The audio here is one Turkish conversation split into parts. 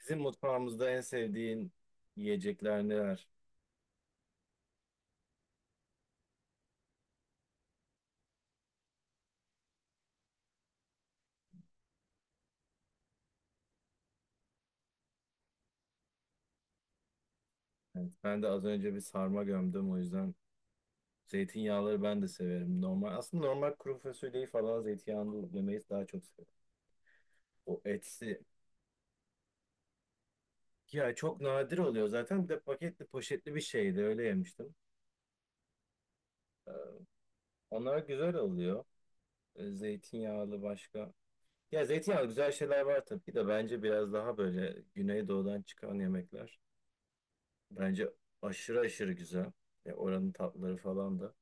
Bizim mutfağımızda en sevdiğin yiyecekler neler? Evet, ben de az önce bir sarma gömdüm o yüzden zeytinyağları ben de severim. Normal aslında normal kuru fasulyeyi falan zeytinyağlı yemeyi daha çok severim. O etsi Ya çok nadir oluyor zaten bir de paketli poşetli bir şeydi öyle yemiştim. Onlar güzel oluyor. Zeytinyağlı başka. Ya zeytinyağlı güzel şeyler var tabii de bence biraz daha böyle Güneydoğu'dan çıkan yemekler. Bence aşırı aşırı güzel. Ya oranın tatları falan da.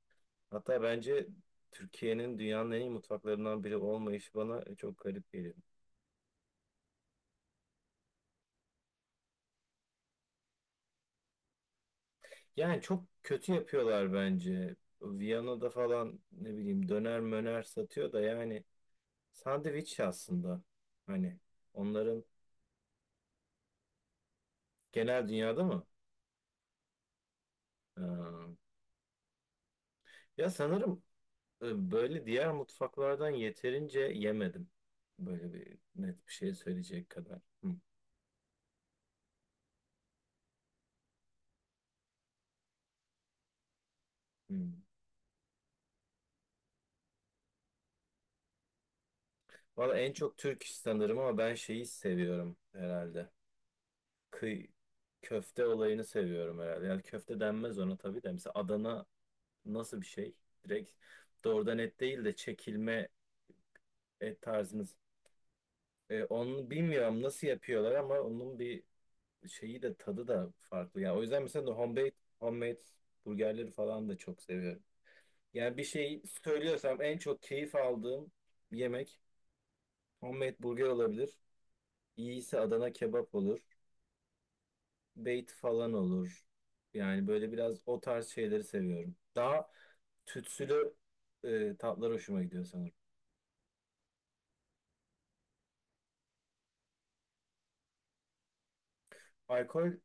Hatta bence Türkiye'nin dünyanın en iyi mutfaklarından biri olmayışı bana çok garip geliyor. Yani çok kötü yapıyorlar bence. Viyana'da falan ne bileyim döner möner satıyor da yani sandviç aslında. Hani onların genel dünyada mı? Ee, Ya sanırım, böyle diğer mutfaklardan yeterince yemedim. Böyle bir net bir şey söyleyecek kadar. Hı, hı. Valla en çok Türk iş sanırım ama ben şeyi seviyorum herhalde. kıy Köfte olayını seviyorum herhalde. Yani köfte denmez ona tabii de. Mesela Adana nasıl bir şey? Direkt doğrudan et değil de çekilme et tarzınız. Onu bilmiyorum nasıl yapıyorlar ama onun bir şeyi de tadı da farklı. Yani o yüzden mesela no homemade, homemade burgerleri falan da çok seviyorum. Yani bir şey söylüyorsam en çok keyif aldığım yemek homemade burger olabilir. İyiyse Adana kebap olur. Bait falan olur. Yani böyle biraz o tarz şeyleri seviyorum. Daha tütsülü tatlar hoşuma gidiyor sanırım. Alkol,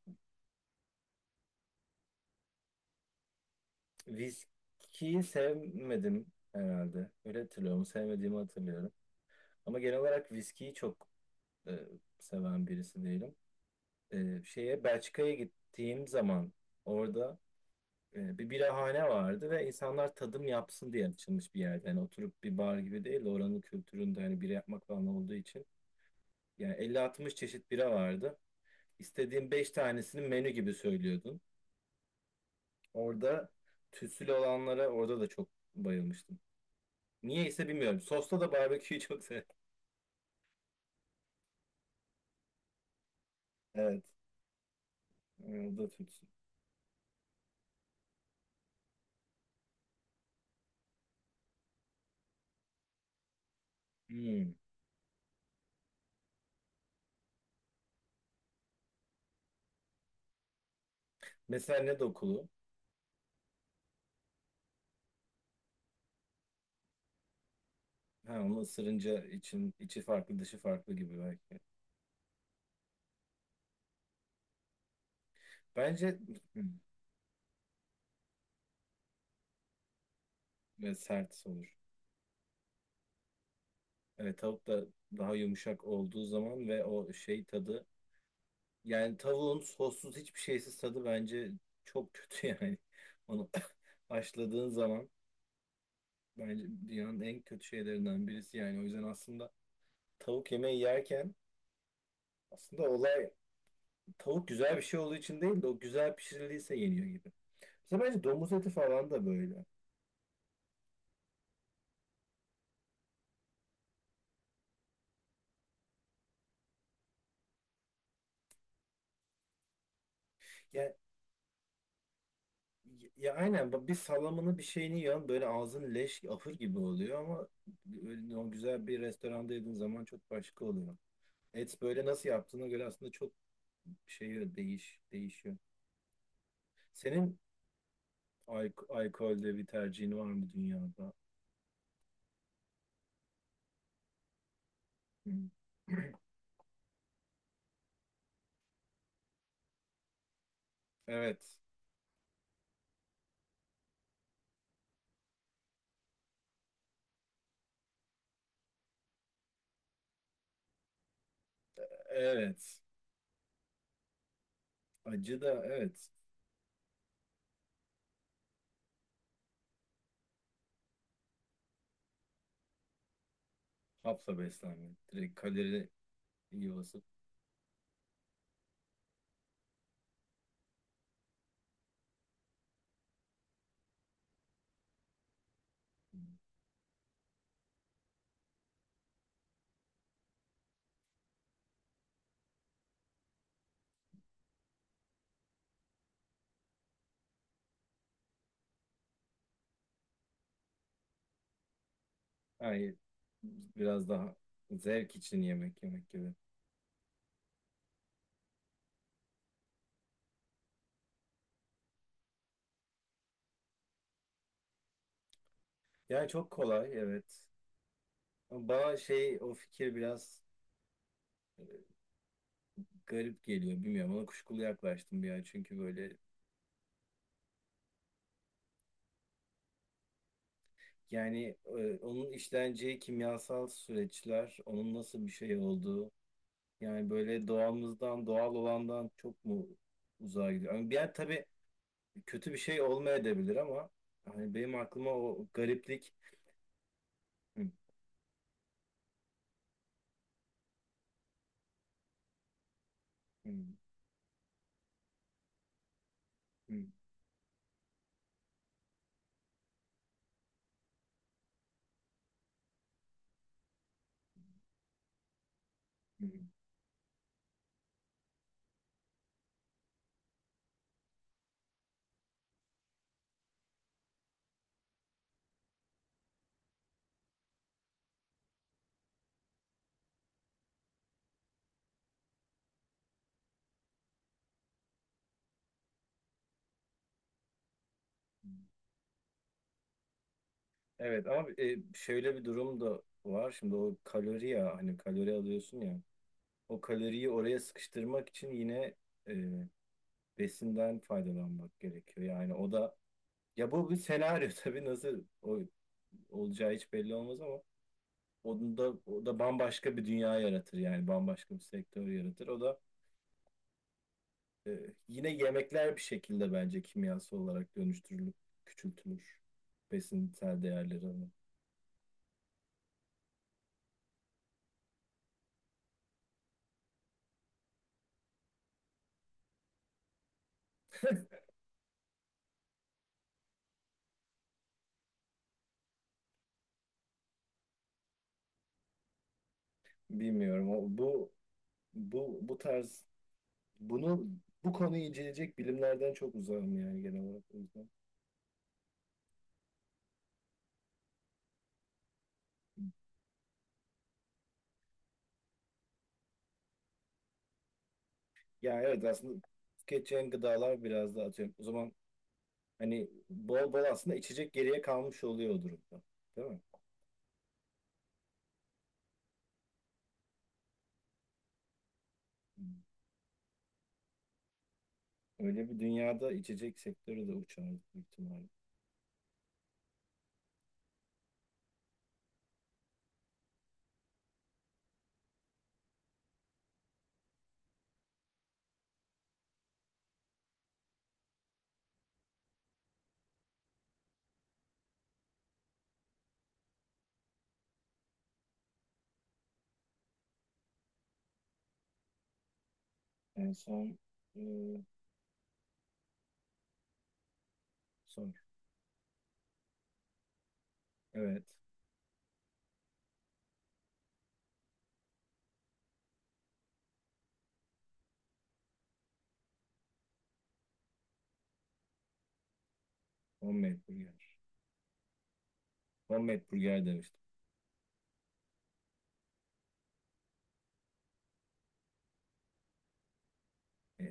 viskiyi sevmedim herhalde. Öyle hatırlıyorum. Sevmediğimi hatırlıyorum. Ama genel olarak viskiyi çok e, seven birisi değilim. Şeye Belçika'ya gittiğim zaman orada bir birahane vardı ve insanlar tadım yapsın diye açılmış bir yerde. Yani oturup bir bar gibi değil de oranın kültüründe hani bira yapmak falan olduğu için. Yani 50-60 çeşit bira vardı. İstediğin 5 tanesini menü gibi söylüyordun. Orada tütsülü olanlara orada da çok bayılmıştım. Niye ise bilmiyorum. Sosta da barbeküyü çok sev. Evet. O da tütsü. Hmm. Mesela ne dokulu? Ha, onu ısırınca için, içi farklı dışı farklı gibi belki. Bence, hmm, ve sert olur. Evet tavuk da daha yumuşak olduğu zaman ve o şey tadı. Yani tavuğun sossuz hiçbir şeysiz tadı bence çok kötü yani. Onu haşladığın zaman bence dünyanın en kötü şeylerinden birisi yani. O yüzden aslında tavuk yemeği yerken aslında olay tavuk güzel bir şey olduğu için değil de o güzel pişirildiyse yeniyor gibi. Mesela bence domuz eti falan da böyle. Ya, ya aynen bak bir salamını bir şeyini yiyorsun böyle ağzın leş ahır gibi oluyor ama öyle o güzel bir restoranda yediğin zaman çok başka oluyor. Et böyle nasıl yaptığına göre aslında çok şey değişiyor. Senin alkolde bir tercihin var mı dünyada? Hı. Evet. Evet. Acı da evet. Hapla beslenme. Direkt kalori iyi basıp. Hayır. Biraz daha zevk için yemek yemek gibi. Yani çok kolay evet. Ama bana şey o fikir biraz garip geliyor. Bilmiyorum, ona kuşkulu yaklaştım bir an. Çünkü böyle yani, onun işleneceği kimyasal süreçler, onun nasıl bir şey olduğu. Yani böyle doğamızdan, doğal olandan çok mu uzağa gidiyor? Yani bir yer tabii kötü bir şey olmayabilir ama hani benim aklıma o gariplik. Hı, hı, hı, hı, hı. Evet ama, şöyle bir durum da var. Şimdi o kalori ya hani kalori alıyorsun ya. O kaloriyi oraya sıkıştırmak için yine, e, besinden faydalanmak gerekiyor. Yani o da, ya bu bir senaryo tabii nasıl o, olacağı hiç belli olmaz ama onun da, o da bambaşka bir dünya yaratır yani bambaşka bir sektör yaratır. O da, e, yine yemekler bir şekilde bence kimyasal olarak dönüştürülüp küçültülür besinsel değerleri. Ama. Bilmiyorum. O, bu bu bu tarz bunu Bu konuyu inceleyecek bilimlerden çok uzağım yani genel olarak o yüzden. Ya evet aslında tüketeceğin gıdalar biraz daha atıyorum. O zaman hani bol bol aslında içecek geriye kalmış oluyor o durumda. Değil mi? Öyle bir dünyada içecek sektörü de uçardı büyük ihtimalle. En son e, son. Evet. Homemade burger. Homemade burger demiştim. E,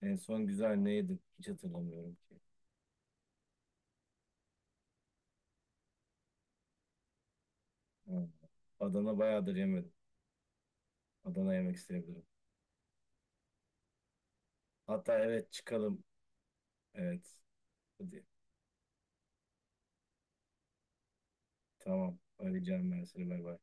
en son güzel ne yedim? Hiç hatırlamıyorum ki. Ha. Adana bayağıdır yemedim. Adana yemek isteyebilirim. Hatta evet çıkalım. Evet. Hadi. Tamam. Arayacağım ben seni. Bay bay.